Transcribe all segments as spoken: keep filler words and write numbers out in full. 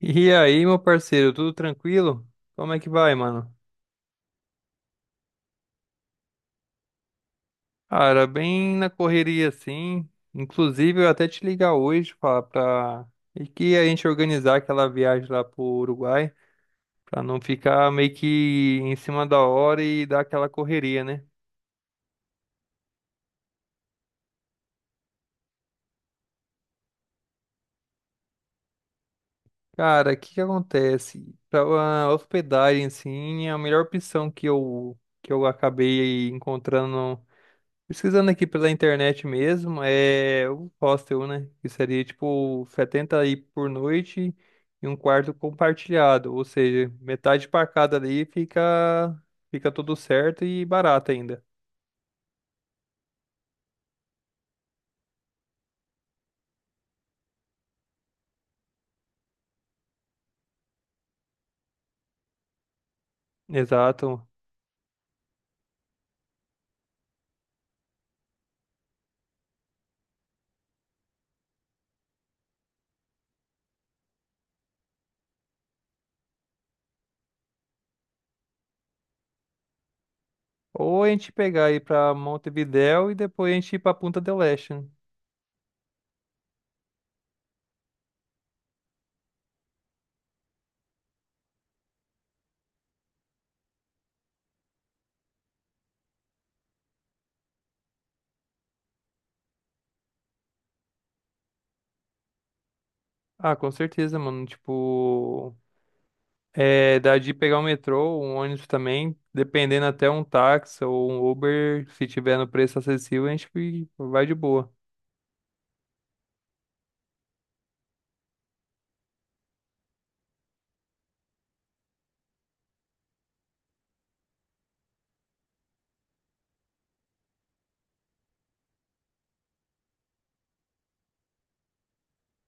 E aí, meu parceiro, tudo tranquilo? Como é que vai, mano? Cara, bem na correria assim. Inclusive, eu até te ligar hoje falar pra. E que a gente organizar aquela viagem lá pro Uruguai, pra não ficar meio que em cima da hora e dar aquela correria, né? Cara, o que que acontece? Pra a hospedagem, assim, é a melhor opção que eu, que eu acabei encontrando. Pesquisando aqui pela internet mesmo, é o hostel, né? Que seria tipo setenta aí por noite e um quarto compartilhado, ou seja, metade para cada ali fica fica tudo certo e barato ainda. Exato. Ou a gente pegar aí pra Montevidéu e depois a gente ir pra Punta del Este, né? Ah, com certeza, mano. Tipo, é, dá de pegar um metrô, um ônibus também, dependendo até um táxi ou um Uber, se tiver no preço acessível, a gente vai de boa.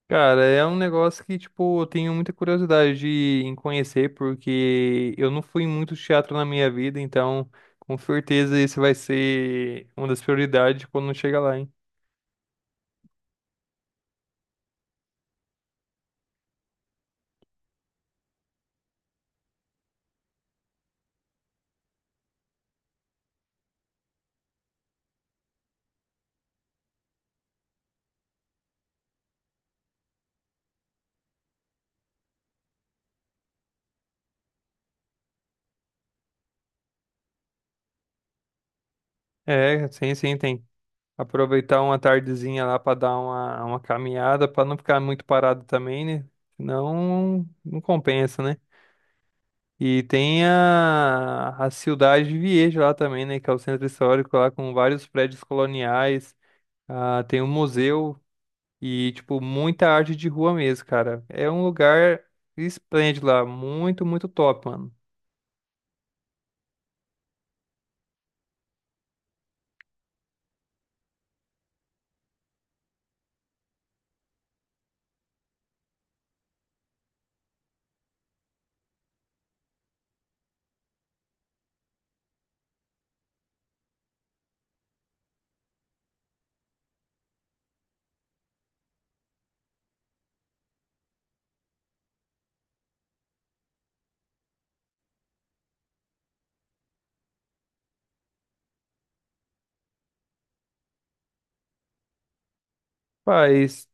Cara, é um negócio que, tipo, eu tenho muita curiosidade de, em conhecer, porque eu não fui em muito teatro na minha vida, então, com certeza, esse vai ser uma das prioridades quando chega lá, hein? É, sim, sim, tem. Aproveitar uma tardezinha lá para dar uma, uma caminhada, para não ficar muito parado também, né? Senão não compensa, né? E tem a, a Cidade de Viejo lá também, né? Que é o centro histórico lá com vários prédios coloniais. Ah, tem um museu e, tipo, muita arte de rua mesmo, cara. É um lugar esplêndido lá. Muito, muito top, mano. Mas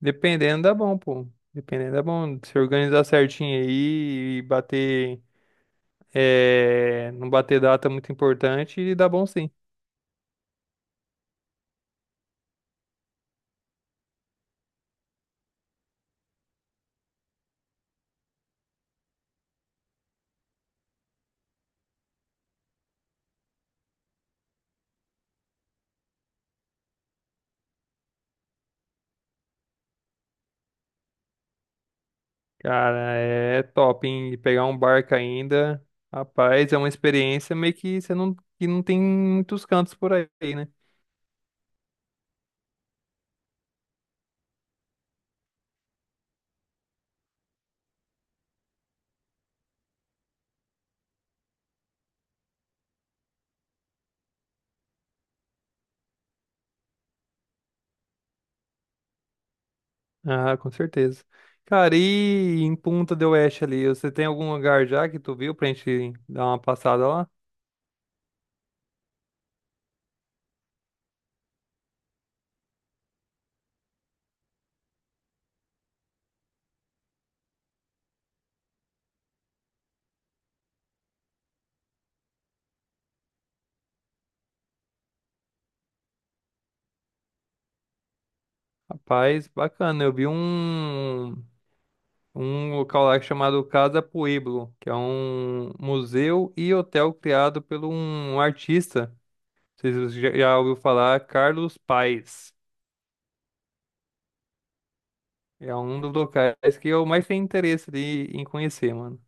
dependendo dá bom, pô. Dependendo dá bom. Se organizar certinho aí e bater. É, não bater data é muito importante e dá bom sim. Cara, é top, hein? E pegar um barco ainda, rapaz, é uma experiência meio que você não, que não tem muitos cantos por aí, né? Ah, com certeza. Cara, e em Punta del Oeste ali, você tem algum lugar já que tu viu pra gente dar uma passada lá? Rapaz, bacana. Eu vi um, um local lá chamado Casa Pueblo, que é um museu e hotel criado por um artista. Sei se você já, já ouviu falar, Carlos Paes. É um dos locais que eu mais tenho interesse de, em conhecer, mano.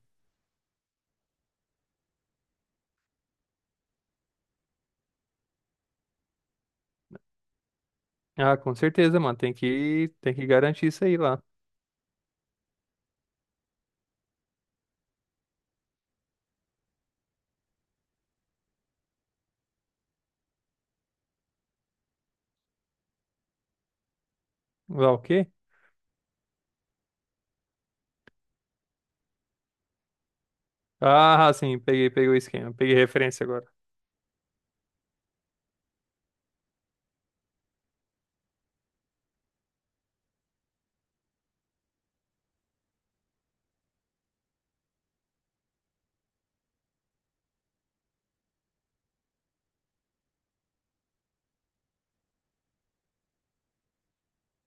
Ah, com certeza, mano. Tem que, tem que garantir isso aí lá. Lá o quê? Ah, sim, peguei, peguei o esquema. Peguei referência agora.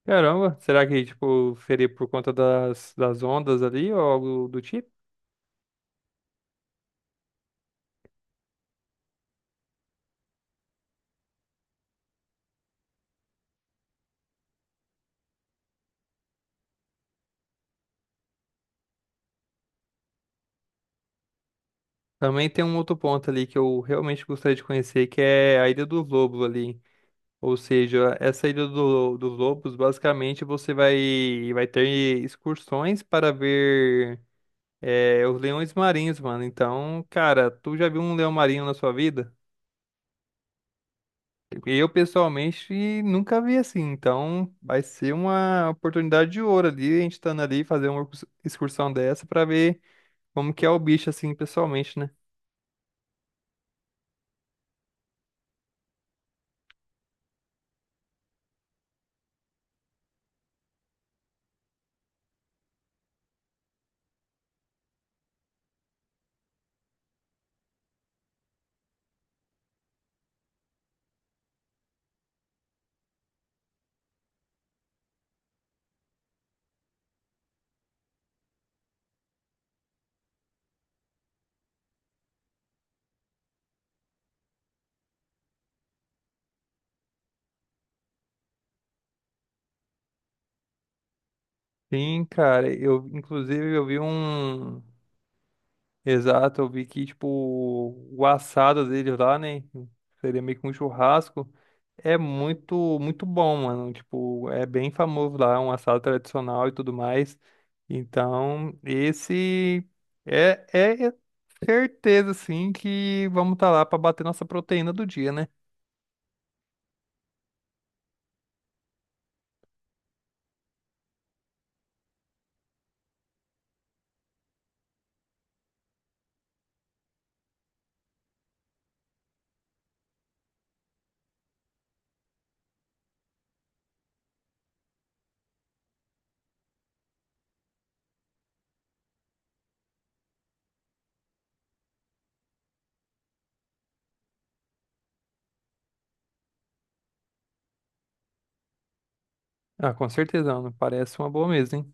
Caramba, será que, tipo, seria por conta das, das ondas ali ou algo do tipo? Também tem um outro ponto ali que eu realmente gostaria de conhecer, que é a Ilha dos Lobos ali. Ou seja, essa Ilha do- dos Lobos, basicamente você vai, vai ter excursões para ver é, os leões marinhos, mano. Então, cara, tu já viu um leão marinho na sua vida? Eu, pessoalmente, nunca vi assim. Então, vai ser uma oportunidade de ouro ali, a gente estando ali, fazer uma excurs- excursão dessa para ver como que é o bicho, assim, pessoalmente, né? Sim, cara, eu, inclusive, eu vi um. Exato, eu vi que, tipo, o assado deles lá, né? Seria meio que um churrasco. É muito, muito bom, mano. Tipo, é bem famoso lá, um assado tradicional e tudo mais. Então, esse é, é é certeza, sim, que vamos estar lá para bater nossa proteína do dia, né? Ah, com certeza, mano. Parece uma boa mesa, hein?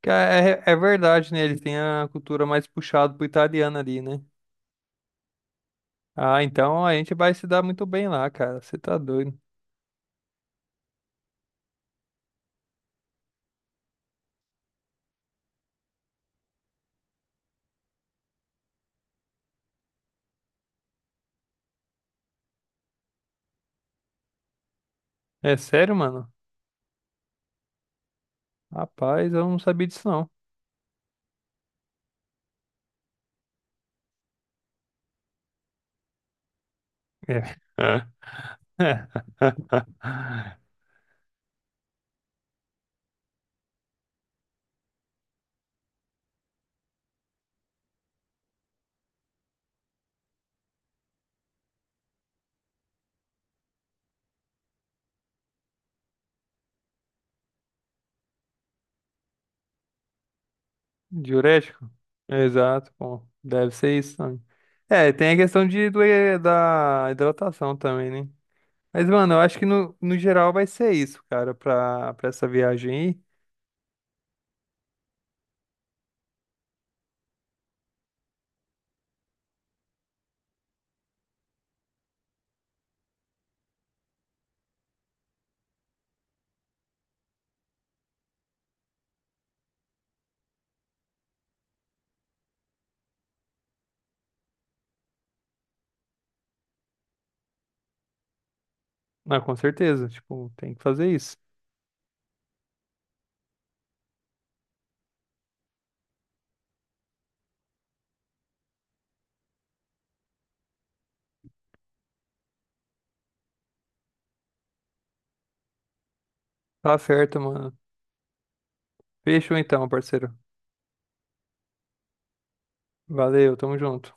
Que é, é é verdade, né? Eles têm a cultura mais puxada pro italiano ali, né? Ah, então a gente vai se dar muito bem lá, cara. Você tá doido. É sério, mano? Rapaz, eu não sabia disso não. É. Diurético? Exato, pô. Deve ser isso também. É, tem a questão de, do- da hidratação também, né? Mas, mano, eu acho que no, no geral vai ser isso, cara, pra, pra essa viagem aí. Ah, com certeza, tipo, tem que fazer isso. Tá certo, mano. Fechou então, parceiro. Valeu, tamo junto.